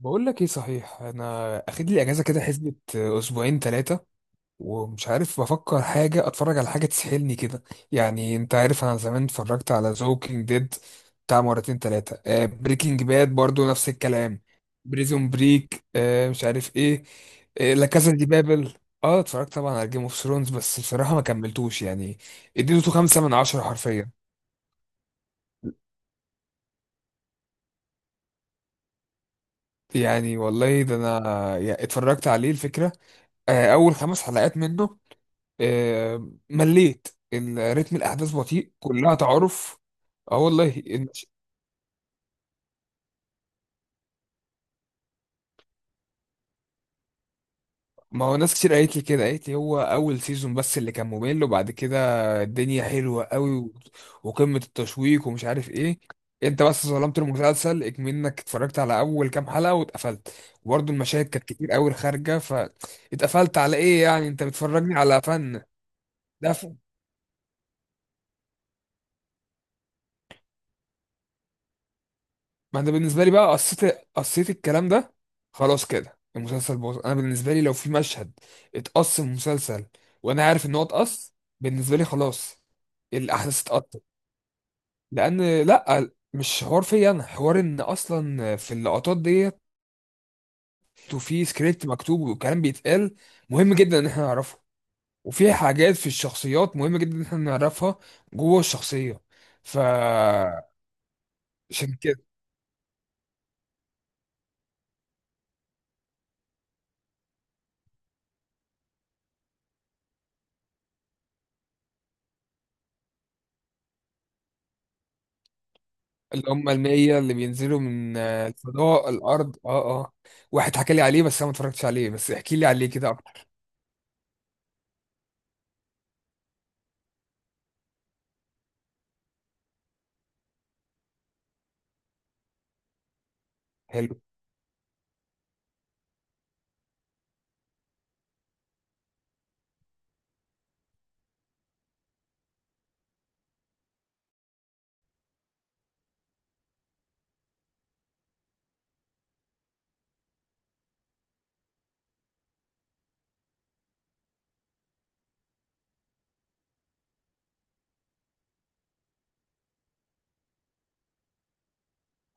بقول لك ايه؟ صحيح، انا اخد لي اجازه كده، حسبه اسبوعين ثلاثه. ومش عارف بفكر حاجه اتفرج على حاجه تسحلني كده. يعني انت عارف، انا زمان اتفرجت على زوكينج ديد بتاع مرتين ثلاثه. بريكنج باد برضو نفس الكلام. بريزون بريك، مش عارف ايه. آه، لا، كازا دي بابل. اه، اتفرجت طبعا على جيم اوف ثرونز، بس بصراحه ما كملتوش يعني. اديته خمسة من عشرة حرفيا. يعني والله، ده انا اتفرجت عليه الفكره. اول خمس حلقات منه. مليت. الريتم، الاحداث بطيء، كلها تعارف. اه والله، ما هو ناس كتير قالت لي كده، قالت لي هو اول سيزون بس اللي كان ممل، وبعد كده الدنيا حلوه قوي، وقمه التشويق ومش عارف ايه. انت بس ظلمت المسلسل، اكمنك اتفرجت على اول كام حلقه واتقفلت. وبرضه المشاهد كانت كتير قوي خارجه، فاتقفلت على ايه؟ يعني انت بتفرجني على فن. ده؟ ما انا بالنسبه لي بقى قصيت. قصيت الكلام ده. خلاص كده، المسلسل باظ. انا بالنسبه لي، لو في مشهد اتقص من المسلسل وانا عارف ان هو اتقص، بالنسبه لي خلاص، الاحداث اتقطت. لان لا، مش حوار فيا، انا حوار ان اصلا في اللقطات ديت، وفي سكريبت مكتوب وكلام بيتقال مهم جدا ان احنا نعرفه. وفي حاجات في الشخصيات مهمه جدا ان احنا نعرفها جوه الشخصيه. ف اللي هم المية اللي بينزلوا من الفضاء، الأرض. اه اه. واحد حكى لي عليه، بس أنا ما اتفرجتش عليه. بس احكي لي عليه كده أكتر. حلو.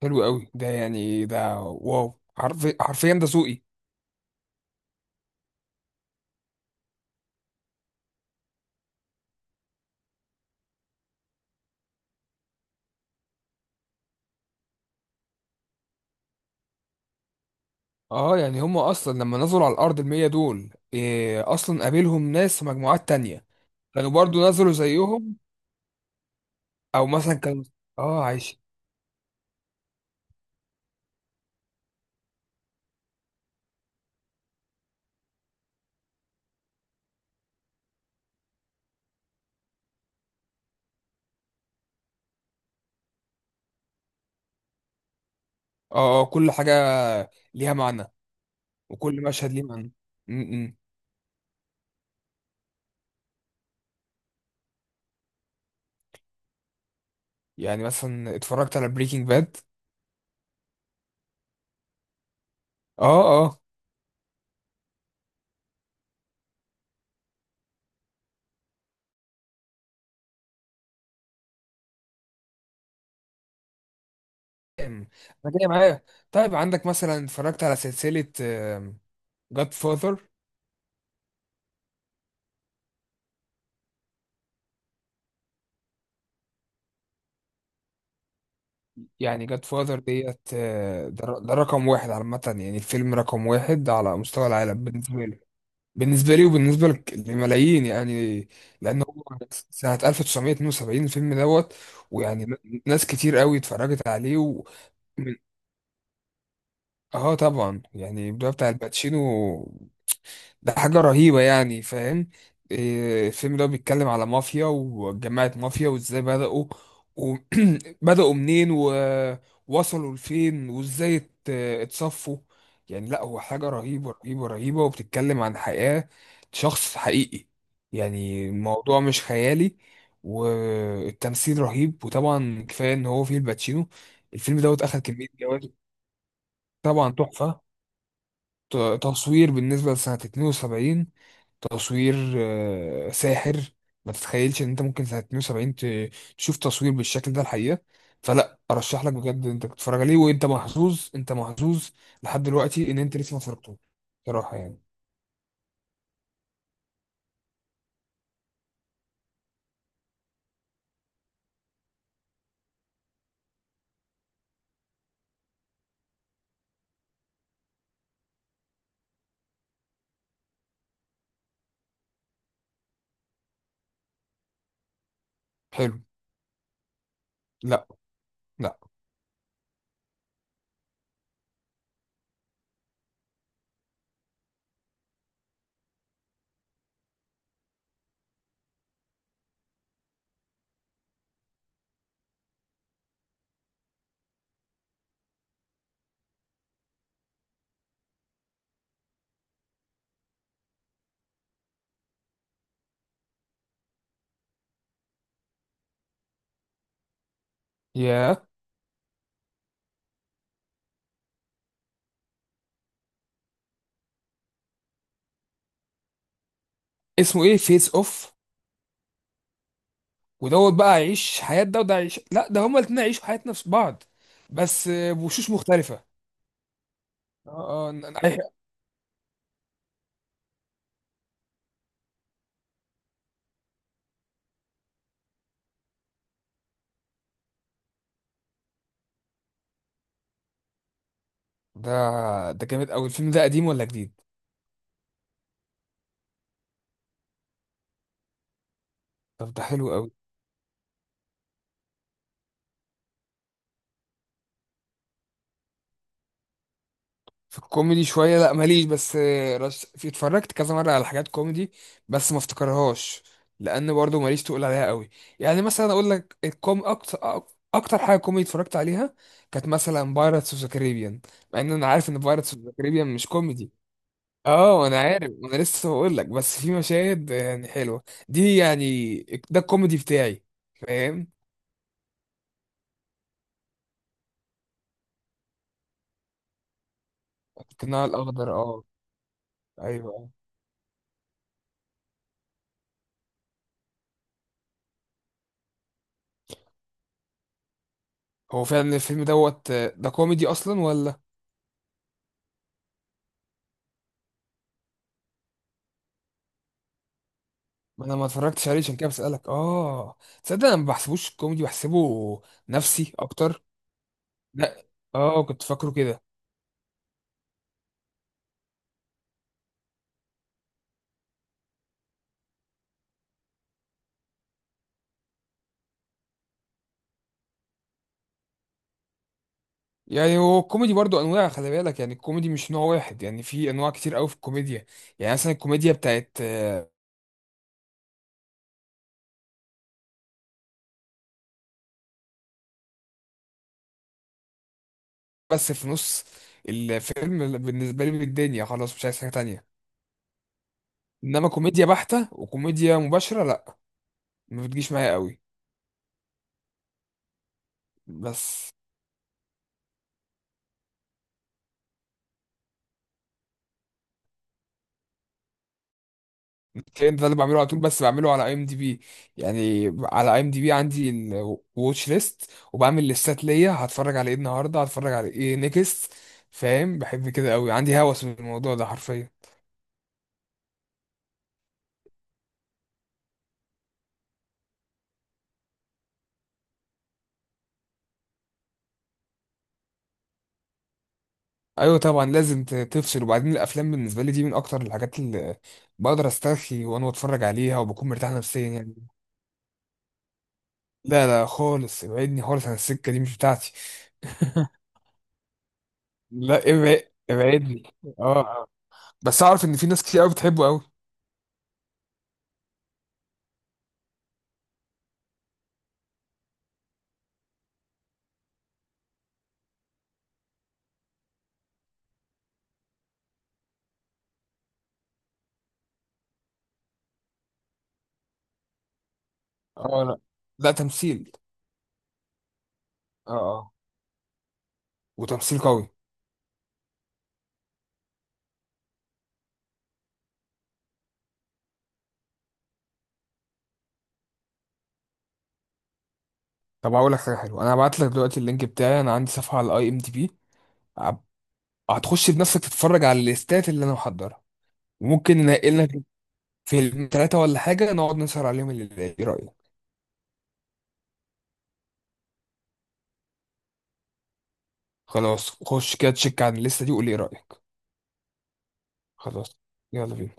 حلو قوي ده، يعني ده واو، حرفي، حرفيا ده ذوقي. اه، يعني هم أصلا لما نزلوا على الأرض، المية دول، إيه أصلا؟ قابلهم ناس في مجموعات تانية كانوا برضو نزلوا زيهم؟ أو مثلا كانوا، اه عايش. اه اه، كل حاجة ليها معنى، وكل مشهد ليه معنى. م -م. يعني مثلا اتفرجت على بريكنج باد. اه اه. أم، انا جاي معايا. طيب، عندك مثلا اتفرجت على سلسلة جاد فاذر؟ يعني جاد فاذر ديت، ده ده رقم واحد عامة. يعني الفيلم رقم واحد على مستوى العالم بالنسبة لي. بالنسبة لي وبالنسبة لملايين يعني. لأن هو سنة 1972 الفيلم دوت. ويعني ناس كتير قوي اتفرجت عليه. من- اه طبعا، يعني البداية بتاع الباتشينو، ده حاجة رهيبة يعني، فاهم؟ إيه، الفيلم ده بيتكلم على مافيا وجماعة مافيا وازاي بدأوا. وبدأوا منين، ووصلوا لفين، وازاي اتصفوا. يعني لا، هو حاجة رهيبة رهيبة رهيبة، وبتتكلم عن حياة شخص حقيقي. يعني الموضوع مش خيالي، والتمثيل رهيب، وطبعا كفاية ان هو فيه الباتشينو. الفيلم دوت أخد كمية جوائز. طبعا تحفة. تصوير بالنسبة لسنة 72، تصوير ساحر. ما تتخيلش ان انت ممكن سنة 72 تشوف تصوير بالشكل ده، الحقيقة. فلا، ارشح لك بجد انت تتفرج عليه، وانت محظوظ. انت محظوظ لحد دلوقتي ان انت لسه ما اتفرجتوش، صراحة يعني. حلو. لا. لا. يا اسمه ايه؟ فيس اوف؟ ودوت بقى عيش حياة ده وده عيش؟ لا، ده هما الاتنين عيشوا حياة نفس بعض، بس بوشوش مختلفة. اه اه، ده ده جامد قوي. الفيلم ده قديم ولا جديد؟ طب ده حلو قوي. في الكوميدي شوية لا، ماليش. بس في، اتفرجت كذا مرة على حاجات كوميدي، بس ما افتكرهاش، لأن برضو ماليش تقول عليها قوي. يعني مثلا أقول لك، أكتر حاجة كوميدي اتفرجت عليها كانت مثلا بايرتس اوف ذا كاريبيان، مع إن أنا عارف إن بايرتس اوف ذا كاريبيان مش كوميدي. اه، انا عارف. انا لسه بقول لك، بس في مشاهد يعني حلوه دي يعني، ده الكوميدي بتاعي، فاهم؟ القناع الاخضر، اه. ايوه. هو فعلا الفيلم دوت ده كوميدي اصلا ولا؟ ما انا ما اتفرجتش عليه، عشان كده بسألك، اه. تصدق انا ما بحسبوش كوميدي، بحسبه نفسي اكتر. لا، اه كنت فاكره كده. يعني هو الكوميدي برضو انواع، خلي بالك. يعني الكوميدي مش نوع واحد، يعني في انواع كتير قوي في الكوميديا. يعني مثلا الكوميديا بتاعت بس في نص الفيلم بالنسبه لي بالدنيا، خلاص مش عايز حاجه تانية. انما كوميديا بحته وكوميديا مباشره، لا، ما بتجيش معايا قوي. بس الكلام ده اللي بعمله على طول، بس بعمله على اي ام دي بي. يعني على اي ام دي بي عندي الواتش ليست، وبعمل ليستات ليا، هتفرج على ايه النهارده، هتفرج على ايه نيكست. فاهم، بحب كده قوي، عندي هوس من الموضوع ده حرفيا. ايوه طبعا لازم تفصل. وبعدين الافلام بالنسبه لي دي من اكتر الحاجات اللي بقدر استرخي وانا بتفرج عليها، وبكون مرتاح نفسيا يعني. لا لا خالص، ابعدني خالص عن السكه دي، مش بتاعتي. لا، ابعدني. اه آه. بس اعرف ان في ناس كتير قوي بتحبه قوي. اه، لا. لا، تمثيل. اه اه. وتمثيل قوي. طب هقول لك حاجه حلوه، انا هبعت لك دلوقتي اللينك بتاعي، انا عندي صفحه على اي ام دي بي. هتخش بنفسك تتفرج على الليستات اللي انا محضرها، وممكن ننقلنا فيلم ثلاثه ولا حاجه، نقعد نسهر عليهم الليل، ايه رايك؟ خلاص، خش كده تشيك عن الليسته دي وقول لي ايه رايك. خلاص، يلا بينا.